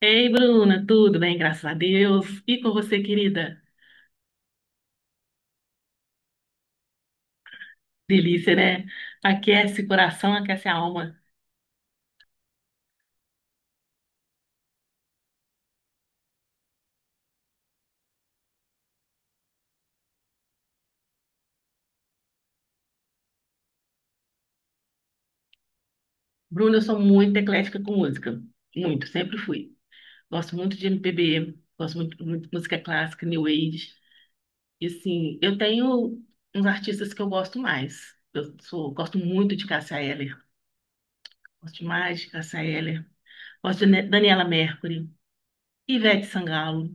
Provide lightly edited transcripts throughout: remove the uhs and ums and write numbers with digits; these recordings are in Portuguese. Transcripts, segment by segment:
Ei, Bruna, tudo bem? Graças a Deus. E com você, querida? Delícia, né? Aquece o coração, aquece a alma. Bruna, eu sou muito eclética com música. Muito, sempre fui. Gosto muito de MPB, gosto muito, muito de música clássica, New Age. E assim, eu tenho uns artistas que eu gosto mais. Eu sou, gosto muito de Cássia Eller. Gosto demais de Cássia Eller. Gosto de Daniela Mercury, Ivete Sangalo.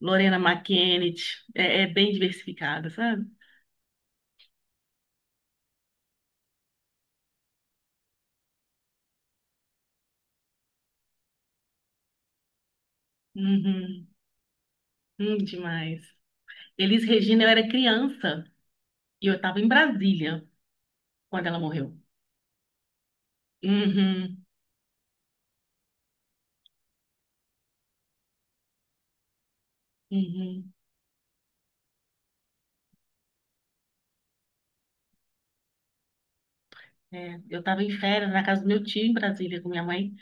Lorena McKennitt, é bem diversificada, sabe? Uhum, demais. Elis Regina, eu era criança e eu estava em Brasília quando ela morreu. Uhum, uhum, é. Eu estava em férias na casa do meu tio em Brasília com minha mãe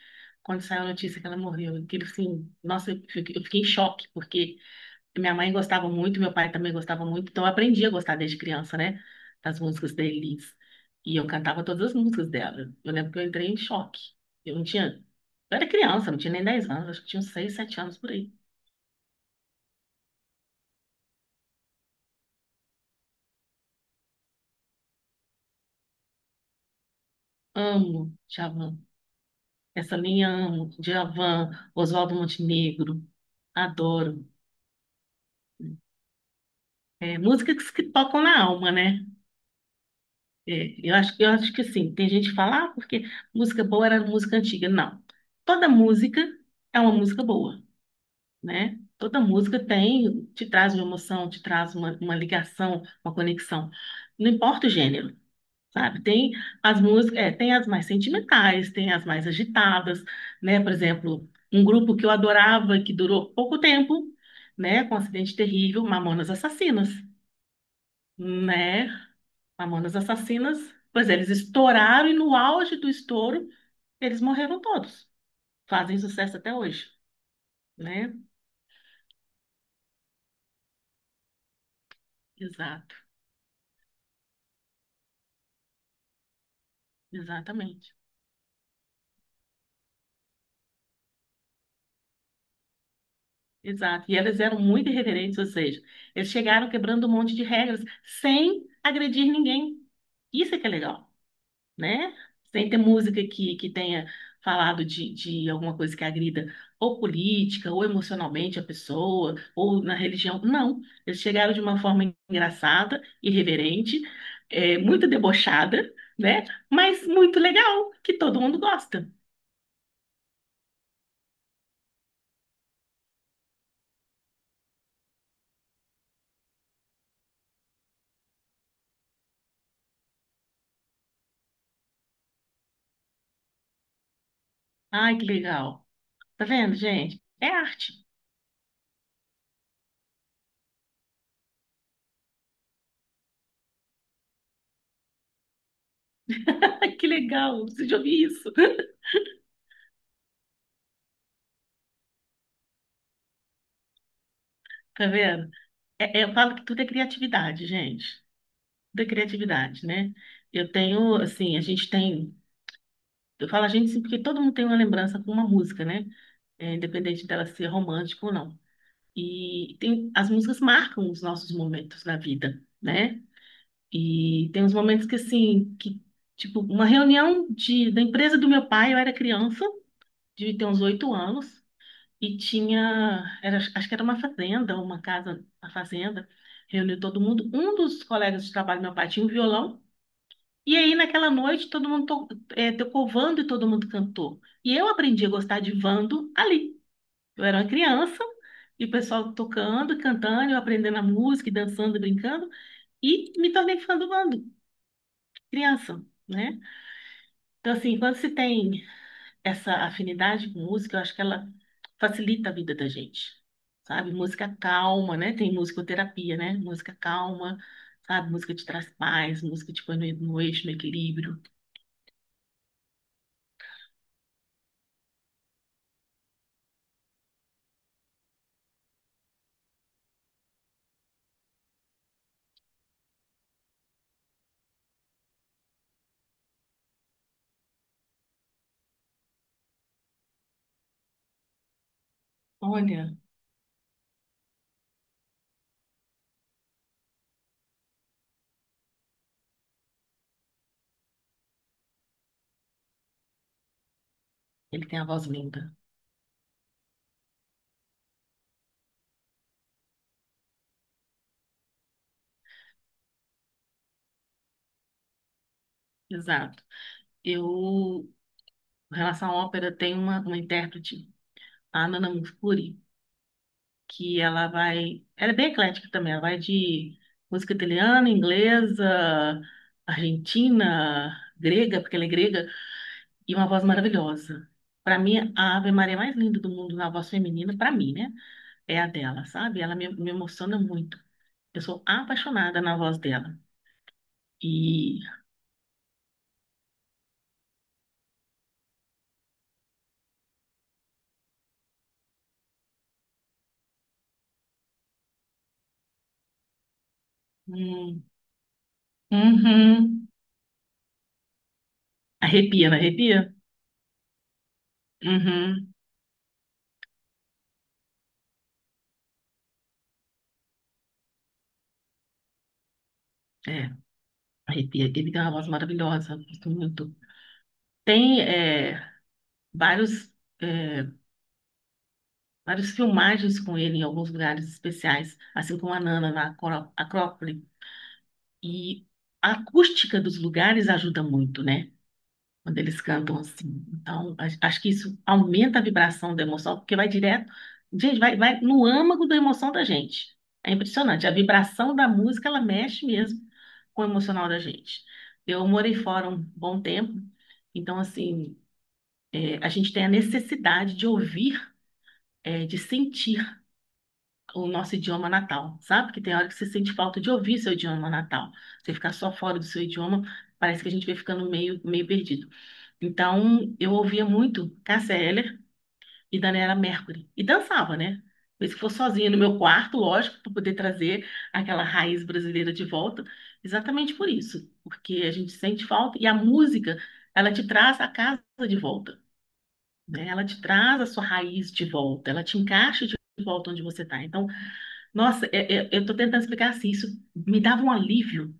quando saiu a notícia que ela morreu. Aquilo assim, nossa, eu fiquei em choque, porque minha mãe gostava muito, meu pai também gostava muito, então eu aprendi a gostar desde criança, né? Das músicas da Elis. E eu cantava todas as músicas dela. Eu lembro que eu entrei em choque. Eu não tinha. Eu era criança, não tinha nem 10 anos, acho que tinha uns 6, 7 anos por aí. Amo Djavan. Essa linha amo. Djavan, Oswaldo Montenegro, adoro. É, músicas que tocam na alma, né? É, eu acho que assim, tem gente que fala, ah, porque música boa era música antiga. Não. Toda música é uma música boa, né? Toda música tem, te traz uma emoção, te traz uma ligação, uma conexão. Não importa o gênero, sabe? Tem as músicas, é, tem as mais sentimentais, tem as mais agitadas, né? Por exemplo, um grupo que eu adorava, que durou pouco tempo, né? Com um acidente terrível, Mamonas Assassinas, né? Mamonas Assassinas, pois é, eles estouraram e no auge do estouro, eles morreram todos. Fazem sucesso até hoje, né? Exato, exatamente. Exato. E elas eram muito irreverentes, ou seja, eles chegaram quebrando um monte de regras sem agredir ninguém. Isso é que é legal, né? Sem ter música que, tenha falado de alguma coisa que agrida ou política, ou emocionalmente a pessoa, ou na religião. Não. Eles chegaram de uma forma engraçada, irreverente, é, muito debochada, né? Mas muito legal, que todo mundo gosta. Ai, que legal. Tá vendo, gente? É arte. Ai, que legal, eu preciso de ouvir isso. Tá vendo? É, eu falo que tudo é criatividade, gente. Tudo é criatividade, né? Eu tenho, assim, a gente tem. Eu falo a gente assim, porque todo mundo tem uma lembrança com uma música, né? É, independente dela ser romântica ou não. E tem, as músicas marcam os nossos momentos na vida, né? E tem uns momentos que, assim, que, tipo, uma reunião de, da empresa do meu pai, eu era criança, devia ter uns 8 anos. E tinha, era, acho que era uma fazenda, uma casa, uma fazenda, reuniu todo mundo. Um dos colegas de trabalho, do meu pai, tinha um violão. E aí, naquela noite, tocou vando e todo mundo cantou. E eu aprendi a gostar de vando ali. Eu era uma criança, e o pessoal tocando, cantando, eu aprendendo a música, e dançando, e brincando, e me tornei fã do vando, criança, né? Então, assim, quando se tem essa afinidade com música, eu acho que ela facilita a vida da gente, sabe? Música calma, né? Tem musicoterapia, né? Música calma, sabe? Música te traz paz, música te põe no eixo, no equilíbrio. Olha, ele tem a voz linda. Exato. Eu, em relação à ópera, tem uma intérprete, a Nana Mouskouri, que ela vai... Ela é bem eclética também, ela vai de música italiana, inglesa, argentina, grega, porque ela é grega, e uma voz maravilhosa. Pra mim, a Ave Maria mais linda do mundo na voz feminina, pra mim, né? É a dela, sabe? Ela me emociona muito. Eu sou apaixonada na voz dela. E. Hum, uhum. Arrepia, não arrepia? Uhum. É, arrepia. Ele tem uma voz maravilhosa, gosto muito. Tem é, vários. É, várias filmagens com ele em alguns lugares especiais, assim como a Nana na Acrópole. E a acústica dos lugares ajuda muito, né? Quando eles cantam assim. Então, acho que isso aumenta a vibração da emoção, porque vai direto, gente, vai no âmago da emoção da gente. É impressionante. A vibração da música, ela mexe mesmo com o emocional da gente. Eu morei fora um bom tempo, então, assim, é, a gente tem a necessidade de ouvir, é, de sentir o nosso idioma natal, sabe? Que tem hora que você sente falta de ouvir seu idioma natal. Você ficar só fora do seu idioma, parece que a gente vai ficando meio, meio perdido. Então, eu ouvia muito Cássia Eller e Daniela Mercury. E dançava, né? Mesmo que fosse sozinha no meu quarto, lógico, para poder trazer aquela raiz brasileira de volta. Exatamente por isso. Porque a gente sente falta e a música, ela te traz a casa de volta, né? Ela te traz a sua raiz de volta, ela te encaixa de volta onde você está. Então, nossa, eu estou tentando explicar assim, isso me dava um alívio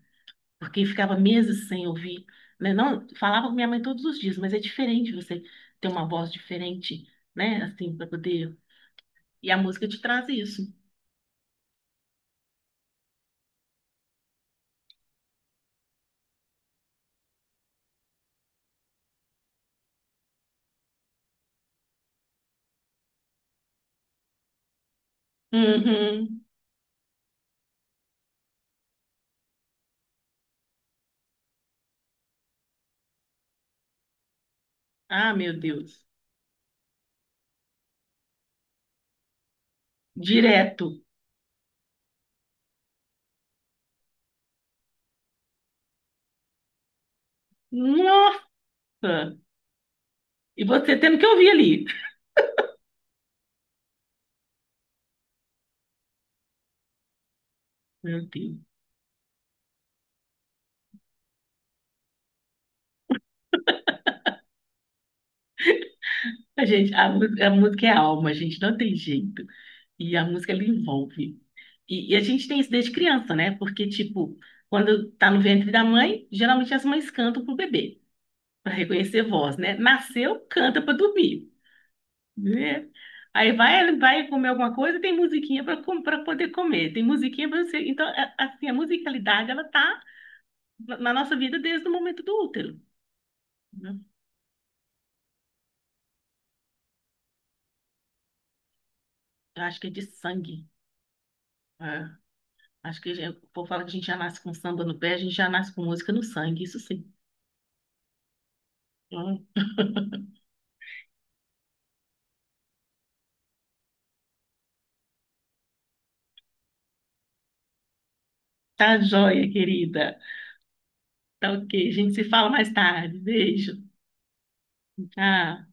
porque ficava meses sem ouvir, né? Não, falava com minha mãe todos os dias, mas é diferente você ter uma voz diferente, né? Assim, para poder. E a música te traz isso. Uhum. Ah, meu Deus. Direto. Nossa! E você tendo que ouvir ali. Meu Deus. A música é alma, a gente não tem jeito. E a música, ela envolve. E a gente tem isso desde criança, né? Porque, tipo, quando tá no ventre da mãe, geralmente as mães cantam pro bebê. Para reconhecer voz, né? Nasceu, canta para dormir, né? Aí vai comer alguma coisa, tem musiquinha para poder comer, tem musiquinha para você. Então, é- assim, a musicalidade ela tá na nossa vida desde o momento do útero, né? Eu acho que é de sangue. É. Acho que o povo fala que a gente já nasce com samba no pé, a gente já nasce com música no sangue, isso sim. Hum. Tá joia, querida. Tá ok, a gente se fala mais tarde. Beijo. Tchau.